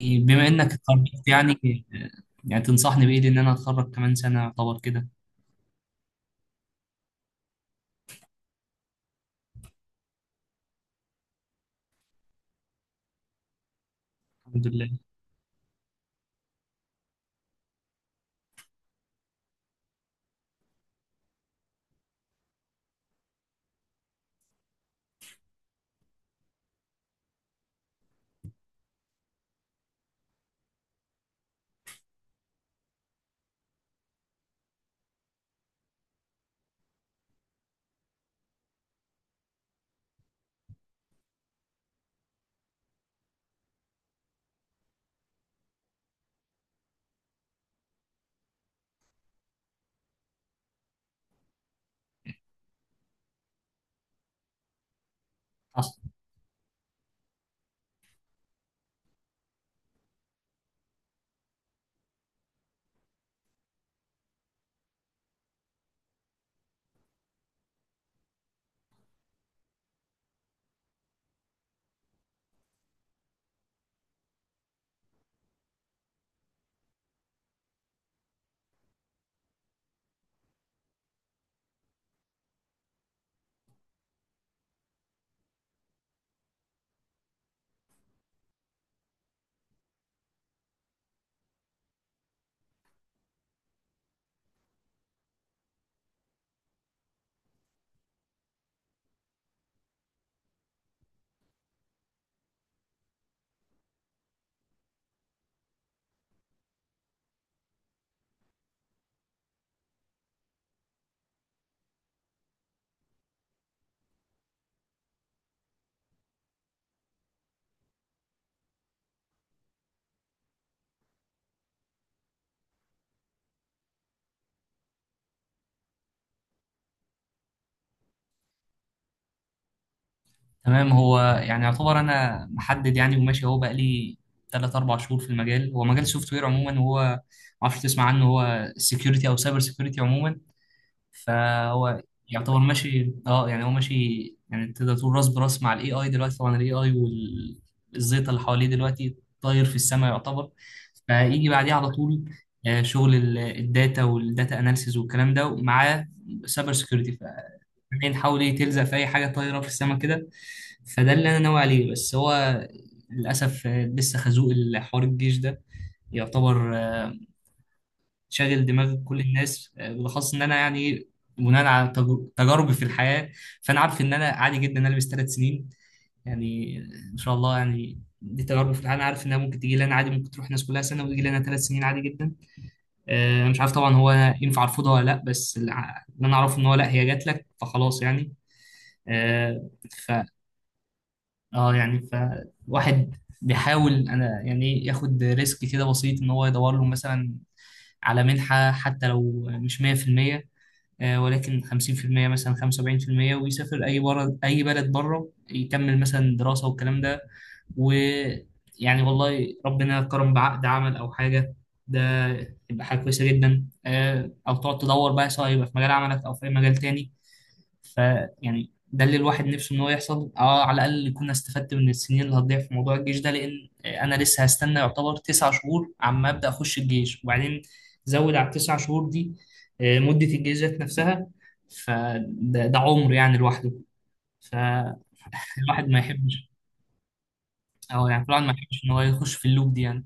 بما انك اتخرجت، يعني تنصحني بايه؟ لان انا اتخرج كمان سنه يعتبر كده. الحمد لله. أصلا. تمام، هو يعني يعتبر انا محدد يعني وماشي اهو بقى لي 3 4 شهور في المجال. هو مجال سوفت وير عموما، وهو ما اعرفش تسمع عنه، هو سكيورتي او سايبر سكيورتي عموما. فهو يعتبر ماشي، يعني هو ماشي، يعني تقدر تقول راس براس مع الاي اي دلوقتي. طبعا الاي اي والزيطه اللي حواليه دلوقتي طاير في السماء يعتبر، فيجي بعديه على طول. شغل الداتا والداتا اناليسيز والكلام ده، ومعاه سايبر سكيورتي. فالحين حاول ايه تلزق في اي حاجه طايره في السماء كده. فده اللي انا ناوي عليه، بس هو للاسف لسه خازوق الحوار الجيش ده يعتبر شاغل دماغ كل الناس، بالاخص ان انا يعني بناء على تجاربي في الحياه، فانا عارف ان انا عادي جدا ان انا البس 3 سنين. يعني ان شاء الله، يعني دي تجاربي في الحياه، انا عارف انها ممكن تيجي لي انا. عادي ممكن تروح الناس كلها سنه وتيجي لي انا 3 سنين عادي جدا. انا مش عارف طبعا هو أنا ينفع ارفضها ولا لا، بس اللي اللي انا اعرفه ان هو لا، هي جات لك فخلاص يعني. آه، ف اه يعني فواحد بيحاول انا يعني ياخد ريسك كده بسيط، ان هو يدور له مثلا على منحة، حتى لو مش 100%، ولكن 50% مثلا، 75%، ويسافر اي بره، اي بلد بره، يكمل مثلا دراسة والكلام ده. ويعني والله ربنا كرم بعقد عمل او حاجة، ده يبقى حاجة كويسة جدا. او تقعد تدور بقى، سواء يبقى في مجال عملك او في اي مجال تاني. ف يعني ده اللي الواحد نفسه ان هو يحصل على الاقل يكون استفدت من السنين اللي هتضيع في موضوع الجيش ده، لان انا لسه هستنى يعتبر 9 شهور عما ابدا اخش الجيش. وبعدين زود على التسع شهور دي مده الجيش ذات نفسها، فده ده عمر يعني لوحده. فالواحد ما يحبش، اه يعني الواحد ما يحبش ان هو يخش في اللوب دي يعني.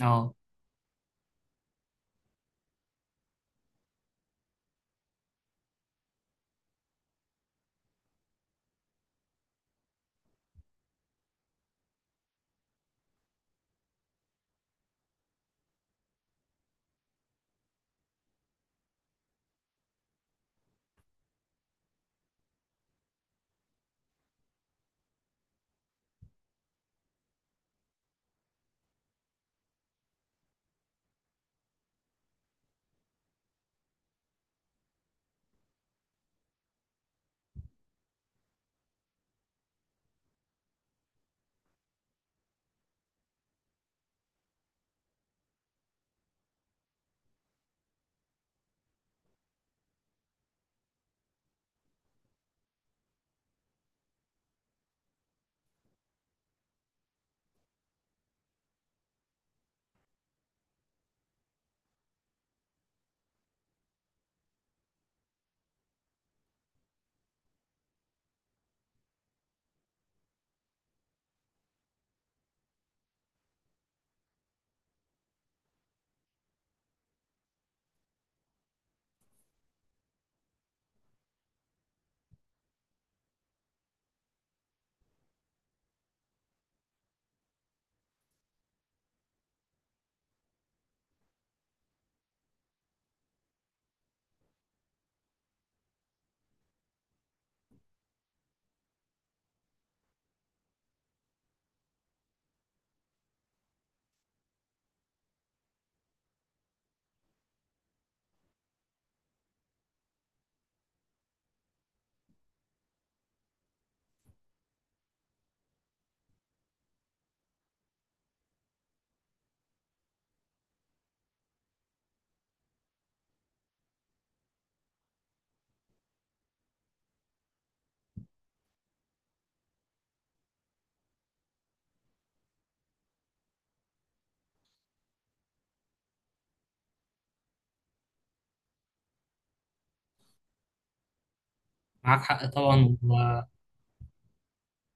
اه، معاك حق طبعا.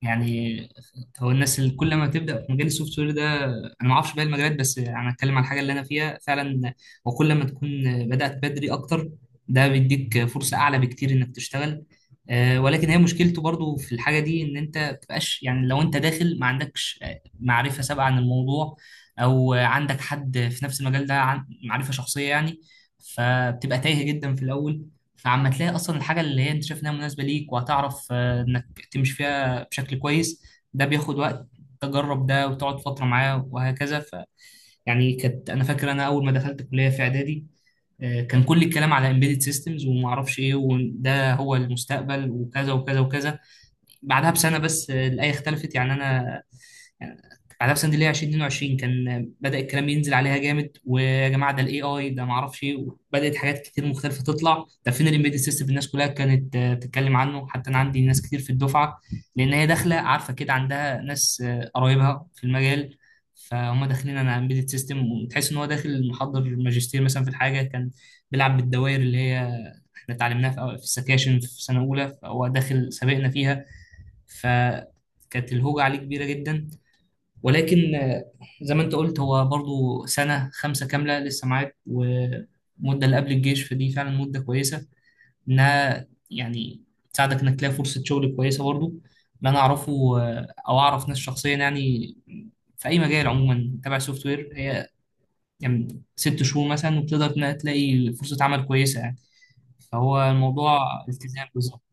يعني هو الناس اللي كل ما تبدا في مجال السوفت وير ده، انا ما اعرفش باقي المجالات، بس انا اتكلم على الحاجه اللي انا فيها فعلا، وكل ما تكون بدات بدري اكتر، ده بيديك فرصه اعلى بكتير انك تشتغل. ولكن هي مشكلته برضو في الحاجه دي، ان انت ما بتبقاش يعني لو انت داخل ما عندكش معرفه سابقه عن الموضوع، او عندك حد في نفس المجال ده، معرفه شخصيه يعني، فبتبقى تايه جدا في الاول. فعما تلاقي اصلا الحاجه اللي هي انت شايف انها مناسبه ليك، وهتعرف انك تمشي فيها بشكل كويس، ده بياخد وقت، تجرب ده وتقعد فترة معاه وهكذا. يعني كانت، انا فاكر انا اول ما دخلت كلية في اعدادي كان كل الكلام على امبيدد سيستمز وما اعرفش ايه، وده هو المستقبل وكذا وكذا وكذا. بعدها بسنة بس الآية اختلفت. يعني انا على نفس اللي هي 2022 كان بدأ الكلام ينزل عليها جامد، ويا جماعه ده الاي اي ده، ما اعرفش ايه، بدأت حاجات كتير مختلفه تطلع. ده فين الامبيدد سيستم؟ الناس كلها كانت بتتكلم عنه، حتى انا عندي ناس كتير في الدفعه، لان هي داخله عارفه كده، عندها ناس قرايبها في المجال، فهم داخلين انا امبيدد سيستم، وتحس ان هو داخل محضر ماجستير مثلا في الحاجه، كان بيلعب بالدوائر اللي هي احنا اتعلمناها في السكاشن في سنه اولى، فهو داخل سابقنا فيها، فكانت الهوجه عليه كبيره جدا. ولكن زي ما انت قلت، هو برضو سنة خمسة كاملة لسه معاك، ومدة اللي قبل الجيش، فدي فعلا مدة كويسة انها يعني تساعدك انك تلاقي فرصة شغل كويسة. برضو اللي انا اعرفه، او اعرف ناس شخصيا يعني، في اي مجال عموما تبع سوفت وير، هي يعني 6 شهور مثلا وبتقدر إنها تلاقي فرصة عمل كويسة يعني. فهو الموضوع التزام بالظبط.